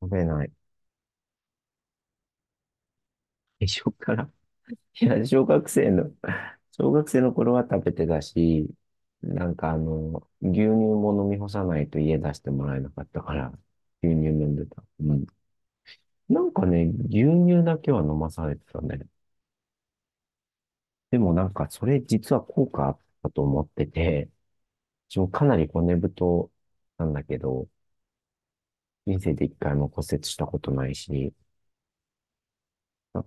食べない。一緒から。いや、小学生の頃は食べてたし、なんか牛乳も飲み干さないと家出してもらえなかったから、牛乳飲んでた。うん。なんかね、牛乳だけは飲まされてたね。でもなんか、それ実は効果あったと思ってて、一応かなり骨太なんだけど、人生で一回も骨折したことないし、あ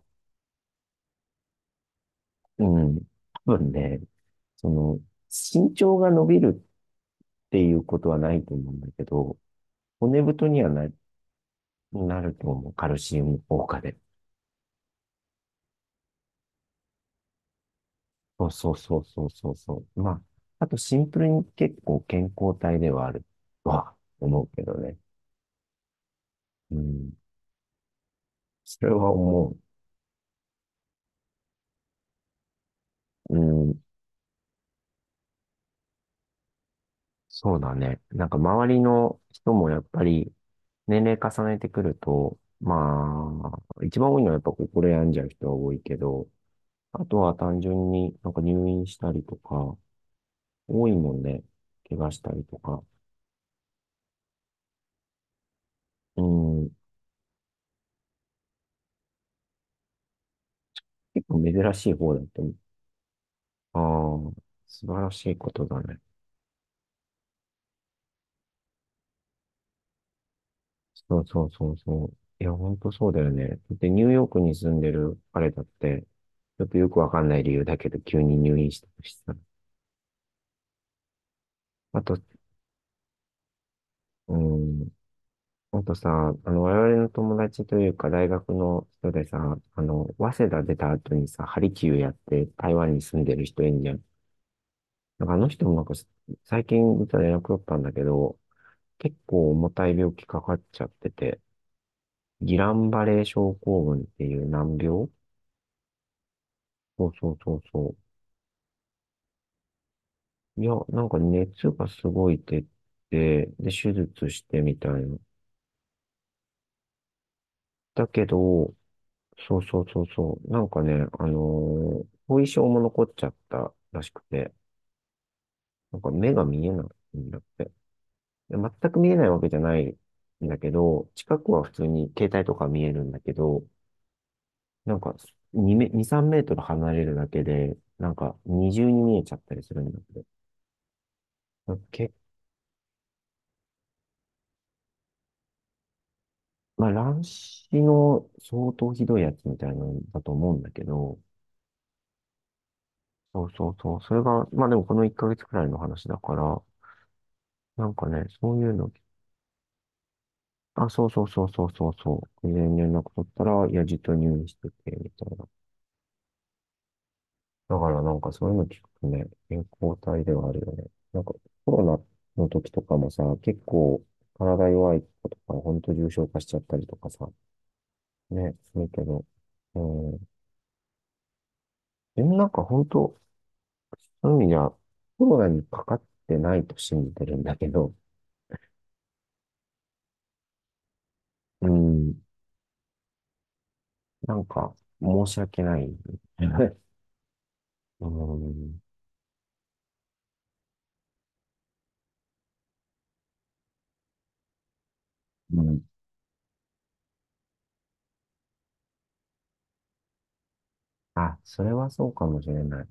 うん。多分ね、その、身長が伸びるっていうことはないと思うんだけど、骨太にはなると思う。カルシウム効果で。そうそうそうそうそうそう。まあ、あとシンプルに結構健康体ではあるとは思うけどね。うん。それは思う。うん。そうだね。なんか周りの人もやっぱり年齢重ねてくると、まあ、一番多いのはやっぱ心病んじゃう人は多いけど、あとは単純になんか入院したりとか、多いもんね。怪我したりとか。うん。結構珍しい方だと思う。ああ、素晴らしいことだね。そうそうそうそう。いや、ほんとそうだよね。で、ニューヨークに住んでる彼だって、ちょっとよくわかんない理由だけど、急に入院したとしたら。あと、うん。あとさ、我々の友達というか、大学の人でさ、早稲田出た後にさ、ハリキューやって台湾に住んでる人いんじゃん。なんかあの人もなんか、最近実は連絡取ったんだけど、結構重たい病気かかっちゃってて、ギランバレー症候群っていう難病そうそうそうそう。いや、なんか熱がすごい出て、で、手術してみたいな。だけど、そうそうそうそう。なんかね、後遺症も残っちゃったらしくて、なんか目が見えないんだって。で、全く見えないわけじゃないんだけど、近くは普通に携帯とか見えるんだけど、なんか2、3メートル離れるだけで、なんか二重に見えちゃったりするんだけど。まあ、乱視の相当ひどいやつみたいなんだと思うんだけど、そうそうそう、それが、まあでもこの1ヶ月くらいの話だから、なんかね、そういうの、あ、そうそうそうそうそうそう、全然連絡取ったら、いや、じはと入院してて、みたいな。だからなんかそういうの聞くとね、健康体ではあるよね。なんかコロナの時とかもさ、結構体弱い子とか、ほんと重症化しちゃったりとかさ、ね、するけど、うん、でもなんか本当そういう意味じゃ、コロナにかかってないと信じてるんだけど、うん、なんか、申し訳ない。うん、うん。あ、それはそうかもしれない。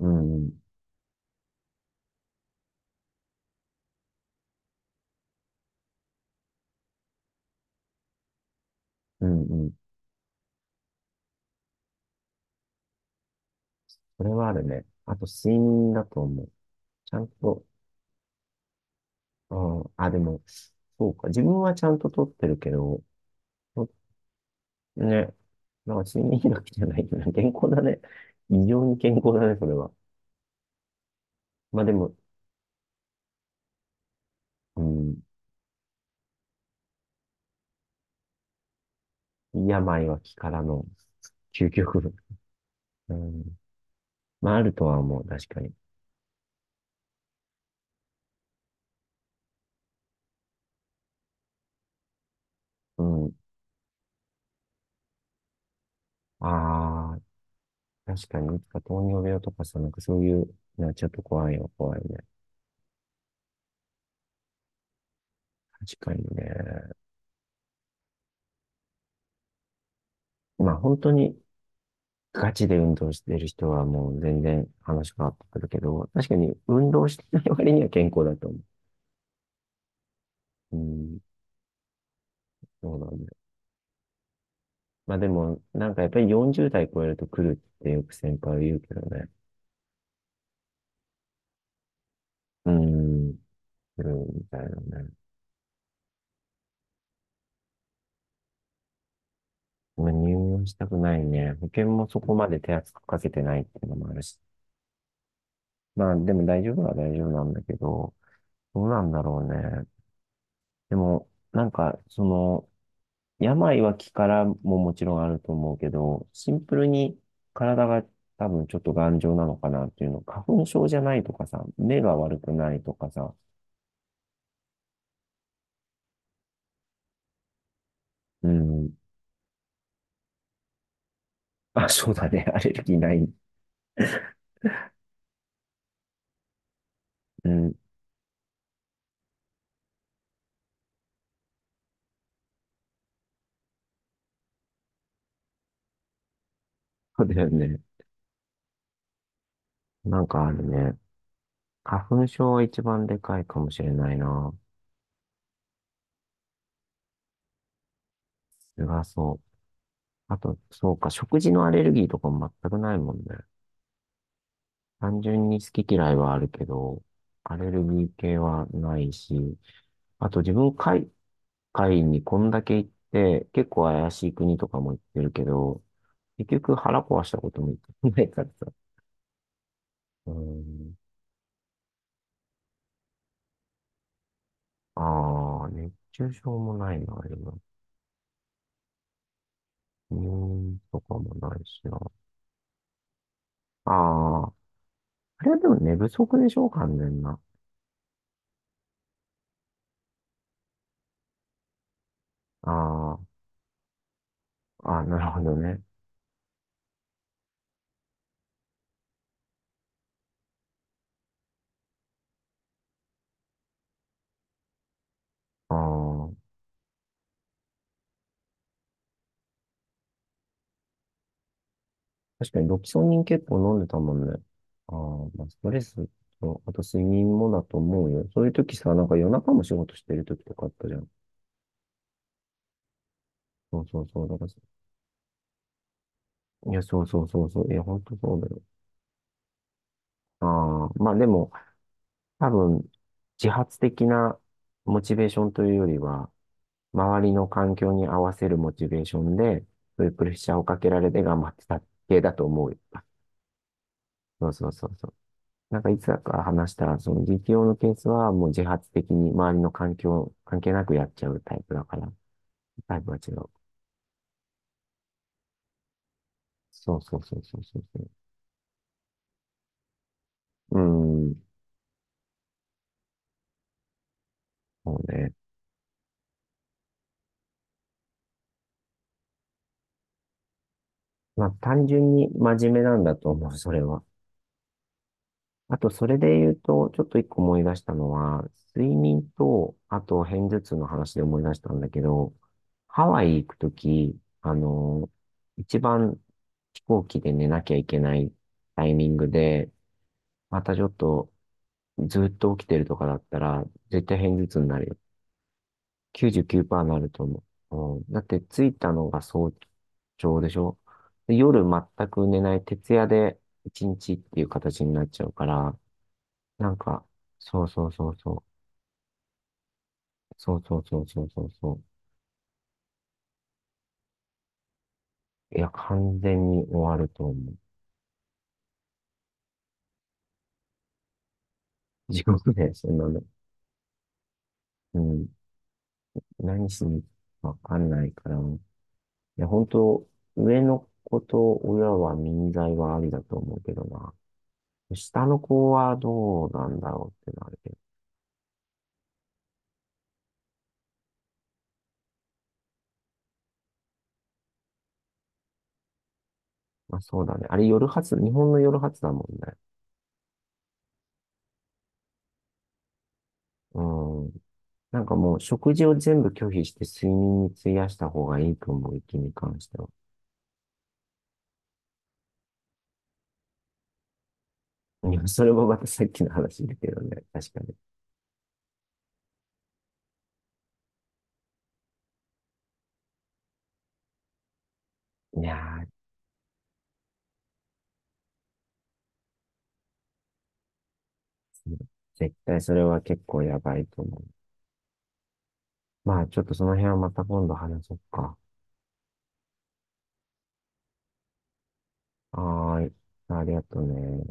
うん、うん、うん。それはあるね。あと、睡眠だと思う。ちゃんと、うん、あ、でも、そうか。自分はちゃんと取ってるけど、とね、なんか睡眠医学じゃないけど、健康だね。異常に健康だね、それは。まあでも、うん、病は気からの究極。うん。まあ、あるとは思う、確かに。うん。ああ、確かに、いつか糖尿病とかさ、なんかそういうのはちょっと怖いよ、怖いね。確かにね。まあ、本当にガチで運動してる人はもう全然話変わってくるけど、確かに運動してない割には健康だと思う。うん、そうなんだよ。まあでも、なんかやっぱり40代超えると来るってよく先輩は言うけどね。うん、来るみたいなね。まあ入院したくないね。保険もそこまで手厚くかけてないっていうのもあるし。まあでも大丈夫は大丈夫なんだけど、どうなんだろうね。でも、なんか、その、病は気からももちろんあると思うけど、シンプルに体が多分ちょっと頑丈なのかなっていうの。花粉症じゃないとかさ、目が悪くないとかさ、うん。あ、そうだね。アレルギーない。うん。そうだよね。なんかあるね。花粉症は一番でかいかもしれないな。それはそう。あと、そうか、食事のアレルギーとかも全くないもんね。単純に好き嫌いはあるけど、アレルギー系はないし、あと自分海会外にこんだけ行って、結構怪しい国とかも行ってるけど、結局腹壊したことも言ってないからさ。うーん。ああ、熱中症もないな、今。入院とかもないしな。ああ、あれはでも寝不足でしょ、完全な。ああ、ああ、なるほどね。ああ、確かにロキソニン結構飲んでたもんね。ああ、まあ、ストレスと、あと睡眠もだと思うよ。そういう時さ、なんか夜中も仕事してる時とかあったじゃん。そうそうそう。だからさ、いや、そうそうそうそう。いや、本当そうだよ。ああ、まあでも、多分、自発的なモチベーションというよりは、周りの環境に合わせるモチベーションで、そういうプレッシャーをかけられて頑張ってた系だと思うよ。そうそうそうそう。なんかいつだか話した、その実用のケースはもう自発的に周りの環境関係なくやっちゃうタイプだから、タイプは違う。そうそうそうそうそうそう。うーん、そうね。まあ単純に真面目なんだと思う、それは。あとそれで言うと、ちょっと一個思い出したのは、睡眠と、あと片頭痛の話で思い出したんだけど、ハワイ行くとき、あの、一番飛行機で寝なきゃいけないタイミングで、またちょっとずっと起きてるとかだったら、絶対片頭痛になるよ。99%になると思う。うん、だって着いたのが早朝でしょで夜全く寝ない徹夜で一日っていう形になっちゃうから、なんか、そうそうそうそう。そうそうそうそうそうそう。いや、完全に終わると思う。地獄で、そんなの。うん。何しにかわかんないから。いや、本当上の子と親は民財はありだと思うけどな。下の子はどうなんだろうってのあるけど。まあそうだね。あれ夜発、日本の夜発だもんね。うん。なんかもう食事を全部拒否して睡眠に費やした方がいいと思う、息に関しては。いや、それもまたさっきの話だけどね。確かに。いやー、絶対それは結構やばいと思う。まあちょっとその辺はまた今度話そうか。はーい。ありがとうね。